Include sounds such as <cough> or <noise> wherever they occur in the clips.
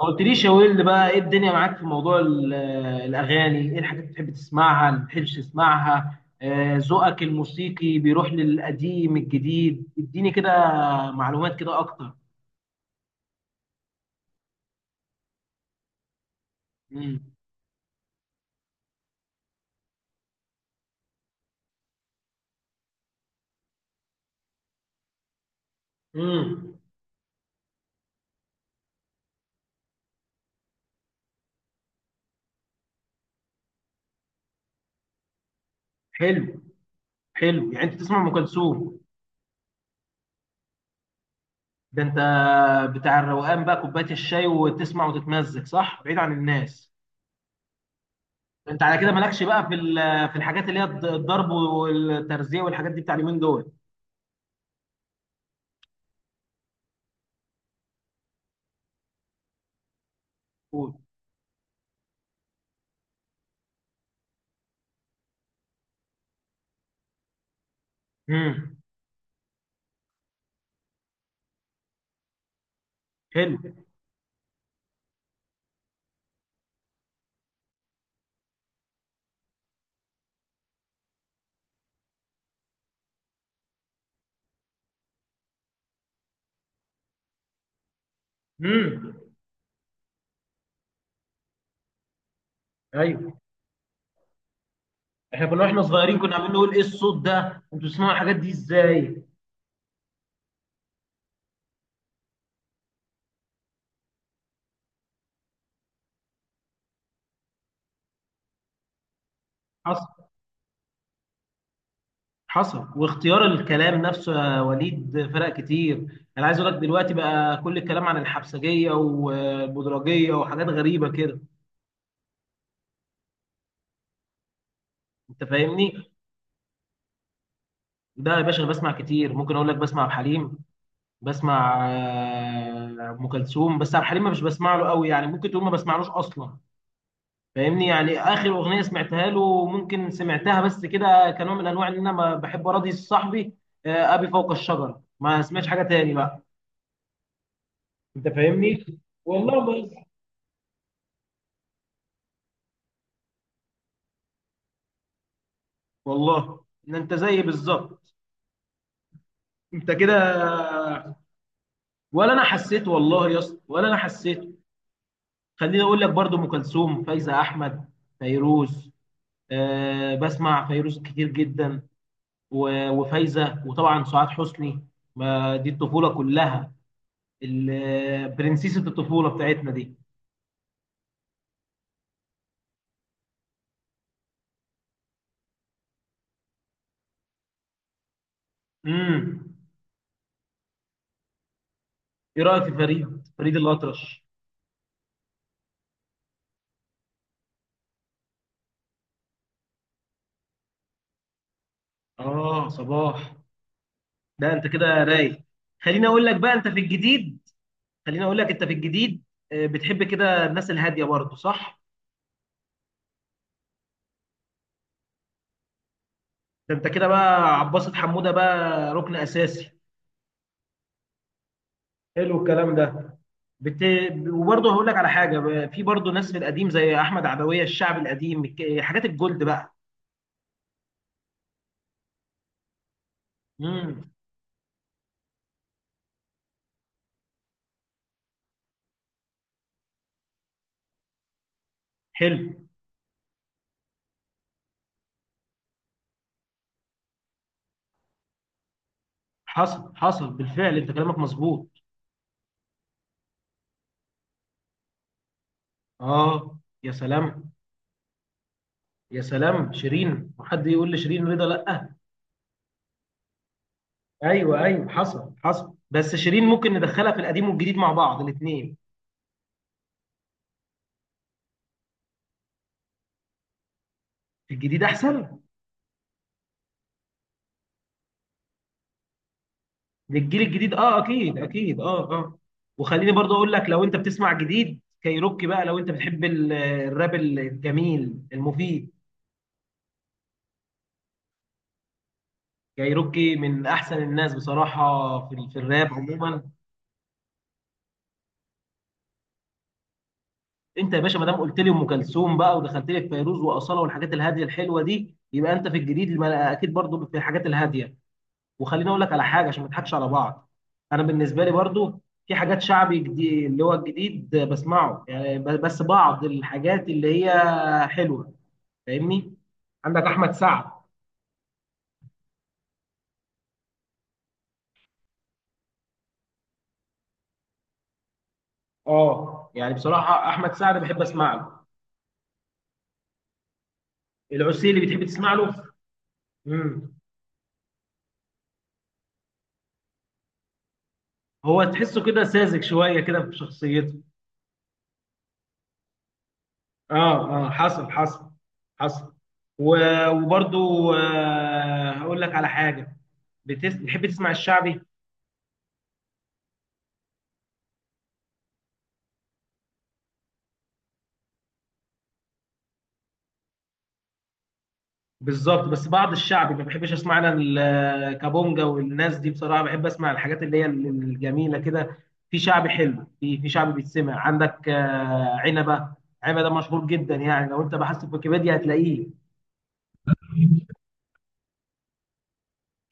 ما قلتليش يا ويل بقى، ايه الدنيا معاك في موضوع الاغاني؟ ايه الحاجات اللي بتحب تسمعها اللي ما بتحبش تسمعها؟ ذوقك الموسيقي بيروح للقديم الجديد، اديني كده معلومات كده اكتر. امم امم حلو، حلو يعني انت تسمع ام كلثوم؟ ده انت بتاع الروقان بقى، كوبايه الشاي وتسمع وتتمزج، صح؟ بعيد عن الناس. ده انت على كده مالكش بقى في في الحاجات اللي هي الضرب والترزيه والحاجات دي بتاع اليومين دول. امم حلو. امم ايوه. احنا كنا واحنا صغيرين كنا عمالين نقول ايه الصوت ده، انتوا بتسمعوا الحاجات دي ازاي؟ حصل حصل. واختيار الكلام نفسه يا وليد فرق كتير، انا عايز اقول لك دلوقتي بقى كل الكلام عن الحبسجيه والبدرجيه وحاجات غريبه كده، انت فاهمني؟ ده يا باشا انا بسمع كتير، ممكن اقول لك بسمع عبد الحليم، بسمع ام كلثوم، بس عبد الحليم ما مش بسمع له قوي، يعني ممكن تقول ما بسمعلوش اصلا، فاهمني؟ يعني اخر اغنيه سمعتها له ممكن سمعتها بس كده كنوع من انواع ان انا ما بحب اراضي صاحبي. ابي فوق الشجره، ما سمعتش حاجه تاني بقى. انت فاهمني؟ والله. بس. والله ان انت زيي بالظبط، انت كده. ولا انا حسيت والله يا اسطى، ولا انا حسيت. خليني اقول لك برضو ام كلثوم، فايزه احمد، فيروز. أه، بسمع فيروز كتير جدا. وفايزه، وطبعا سعاد حسني، ما دي الطفوله كلها. برنسيسة الطفولة بتاعتنا دي. امم ايه رأيك في فريد، فريد الأطرش؟ اه، صباح. ده انت كده رايق. خليني اقول لك بقى انت في الجديد. خليني اقول لك انت في الجديد. بتحب كده الناس الهادية برضه، صح؟ ده انت كده بقى عباسة حمودة بقى ركن أساسي. حلو الكلام ده. بت... وبرضه هقول لك على حاجة، في برضه ناس في القديم زي أحمد عدوية، الشعب القديم، حاجات الجولد بقى. امم حلو. حصل حصل بالفعل، انت كلامك مظبوط. اه، يا سلام. يا سلام، شيرين. وحد يقول لشيرين رضا لا؟ ايوه ايوه، حصل حصل، بس شيرين ممكن ندخلها في القديم والجديد مع بعض الاثنين. الجديد احسن. للجيل الجديد، اه اكيد اكيد، اه اه. وخليني برضه اقول لك لو انت بتسمع جديد كايروكي بقى، لو انت بتحب الراب الجميل المفيد. كايروكي من احسن الناس بصراحه في في الراب عموما. انت يا باشا ما دام قلت لي ام كلثوم بقى، ودخلت لي في فيروز واصاله والحاجات الهاديه الحلوه دي، يبقى انت في الجديد اكيد برضو في الحاجات الهاديه. وخليني اقول لك على حاجه عشان ما نضحكش على بعض، انا بالنسبه لي برضو في حاجات شعبي جديد اللي هو الجديد بسمعه، يعني بس بعض الحاجات اللي هي حلوه، فاهمني؟ عندك احمد سعد. اه يعني بصراحه احمد سعد بحب اسمع له. العسيلي بتحب تسمع له؟ امم هو تحسه كده ساذج شويه كده في شخصيته. اه اه حصل حصل. حصل. وبرضو آه هقول لك على حاجه. بتحب تسمع الشعبي؟ بالظبط، بس بعض الشعبي ما بحبش اسمع انا، الكابونجا والناس دي بصراحه، بحب اسمع الحاجات اللي هي الجميله كده. في شعبي حلو، في شعبي بيتسمع، عندك آه عنبه. عنبه ده مشهور جدا، يعني لو انت بحثت في ويكيبيديا هتلاقيه.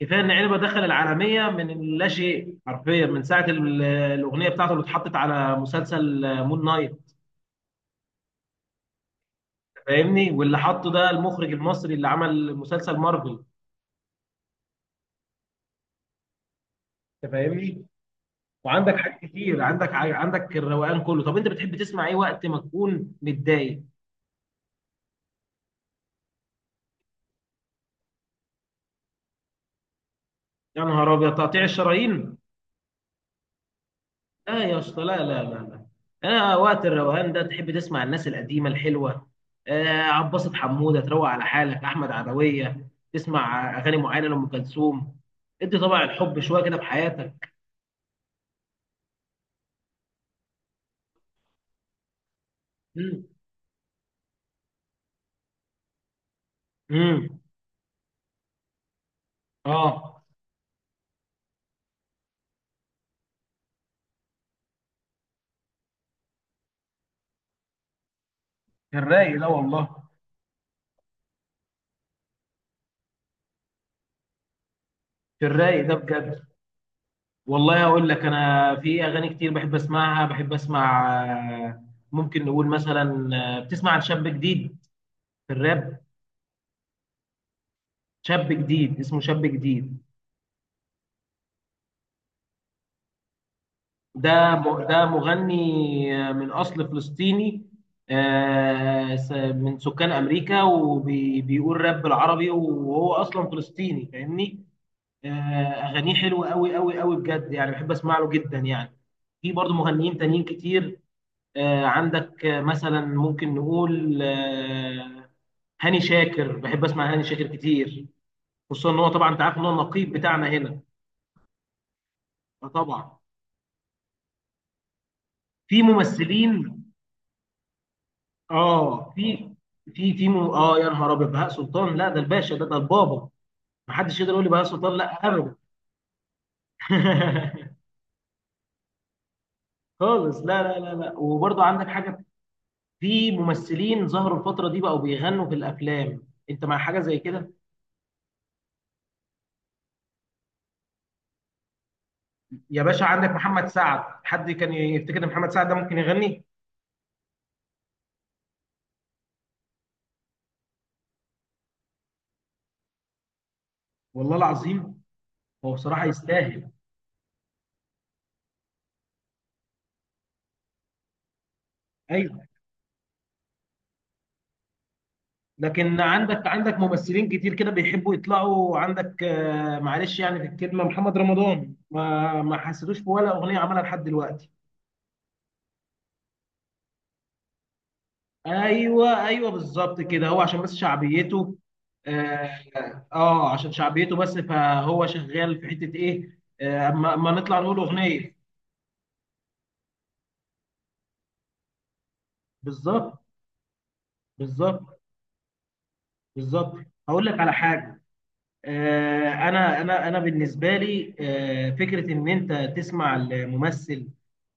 كفايه ان عنبه دخل العالميه من لا شيء حرفيا من ساعه الاغنيه بتاعته اللي اتحطت على مسلسل مون نايت. فاهمني؟ واللي حطه ده المخرج المصري اللي عمل مسلسل مارفل. انت فاهمني؟ وعندك حاجات كتير، عندك عندك الروقان كله. طب انت بتحب تسمع ايه وقت ما تكون متضايق؟ يا نهار ابيض، تقطيع الشرايين! لا يا اسطى، لا لا لا لا. انا وقت الروقان ده تحب تسمع الناس القديمه الحلوه، آه عباسة حموده تروق على حالك، احمد عدويه، تسمع اغاني معينه لام كلثوم، ادي طبع الحب شويه كده في حياتك. امم امم اه. في الرايق ده والله. في الرايق ده بجد. والله هقول لك، انا في اغاني كتير بحب اسمعها، بحب اسمع آه، ممكن نقول مثلا بتسمع عن شاب جديد في الراب؟ شاب جديد اسمه شاب جديد. ده ده مغني من اصل فلسطيني، من سكان امريكا وبيقول راب بالعربي وهو اصلا فلسطيني، فاهمني؟ آه، اغانيه حلوه قوي قوي قوي بجد، يعني بحب اسمع له جدا يعني. في برضه مغنيين تانيين كتير. عندك مثلا ممكن نقول هاني شاكر، بحب اسمع هاني شاكر كتير، خصوصا ان هو طبعا انت عارف ان هو النقيب بتاعنا هنا. فطبعا في ممثلين. اه في في اه يا نهار ابيض، بهاء سلطان! لا ده الباشا، ده البابا. محدش يقدر يقول لي بهاء سلطان لا ابدا. <laughs> خالص، لا لا لا لا. وبرضه عندك حاجه، في ممثلين ظهروا الفتره دي بقوا بيغنوا في الافلام، انت مع حاجه زي كده؟ يا باشا عندك محمد سعد، حد كان يفتكر ان محمد سعد ده ممكن يغني؟ والله العظيم، هو بصراحه يستاهل. ايوه. لكن عندك ممثلين كتير كده بيحبوا يطلعوا، عندك معلش يعني في الكلمه محمد رمضان، ما حسيتوش في ولا اغنيه عملها لحد دلوقتي. ايوه ايوه بالظبط كده، هو عشان بس شعبيته. اه. عشان شعبيته بس، فهو شغال في حته ايه؟ اما أما نطلع نقول اغنيه. بالظبط بالظبط بالظبط. هقول لك على حاجه، انا بالنسبه لي فكره ان انت تسمع الممثل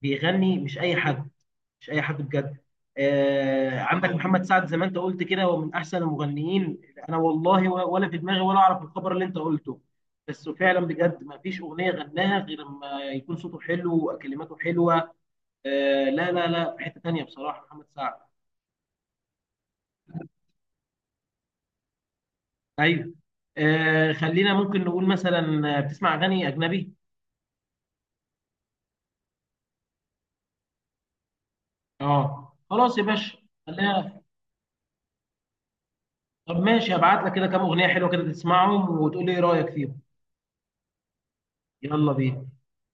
بيغني، مش اي حد، مش اي حد بجد. عندك محمد سعد زي ما انت قلت كده، هو من احسن المغنيين. انا والله ولا في دماغي ولا اعرف الخبر اللي انت قلته. بس فعلا بجد ما فيش اغنيه غناها غير لما يكون صوته حلو وكلماته حلوه. لا لا لا، في حته تانيه بصراحه محمد سعد. ايوه. خلينا ممكن نقول مثلا بتسمع اغاني اجنبي؟ اه خلاص يا باشا، خليها. طب ماشي، هبعت لك كده كام اغنيه حلوه كده، تسمعهم وتقول لي ايه رايك فيهم. يلا بينا.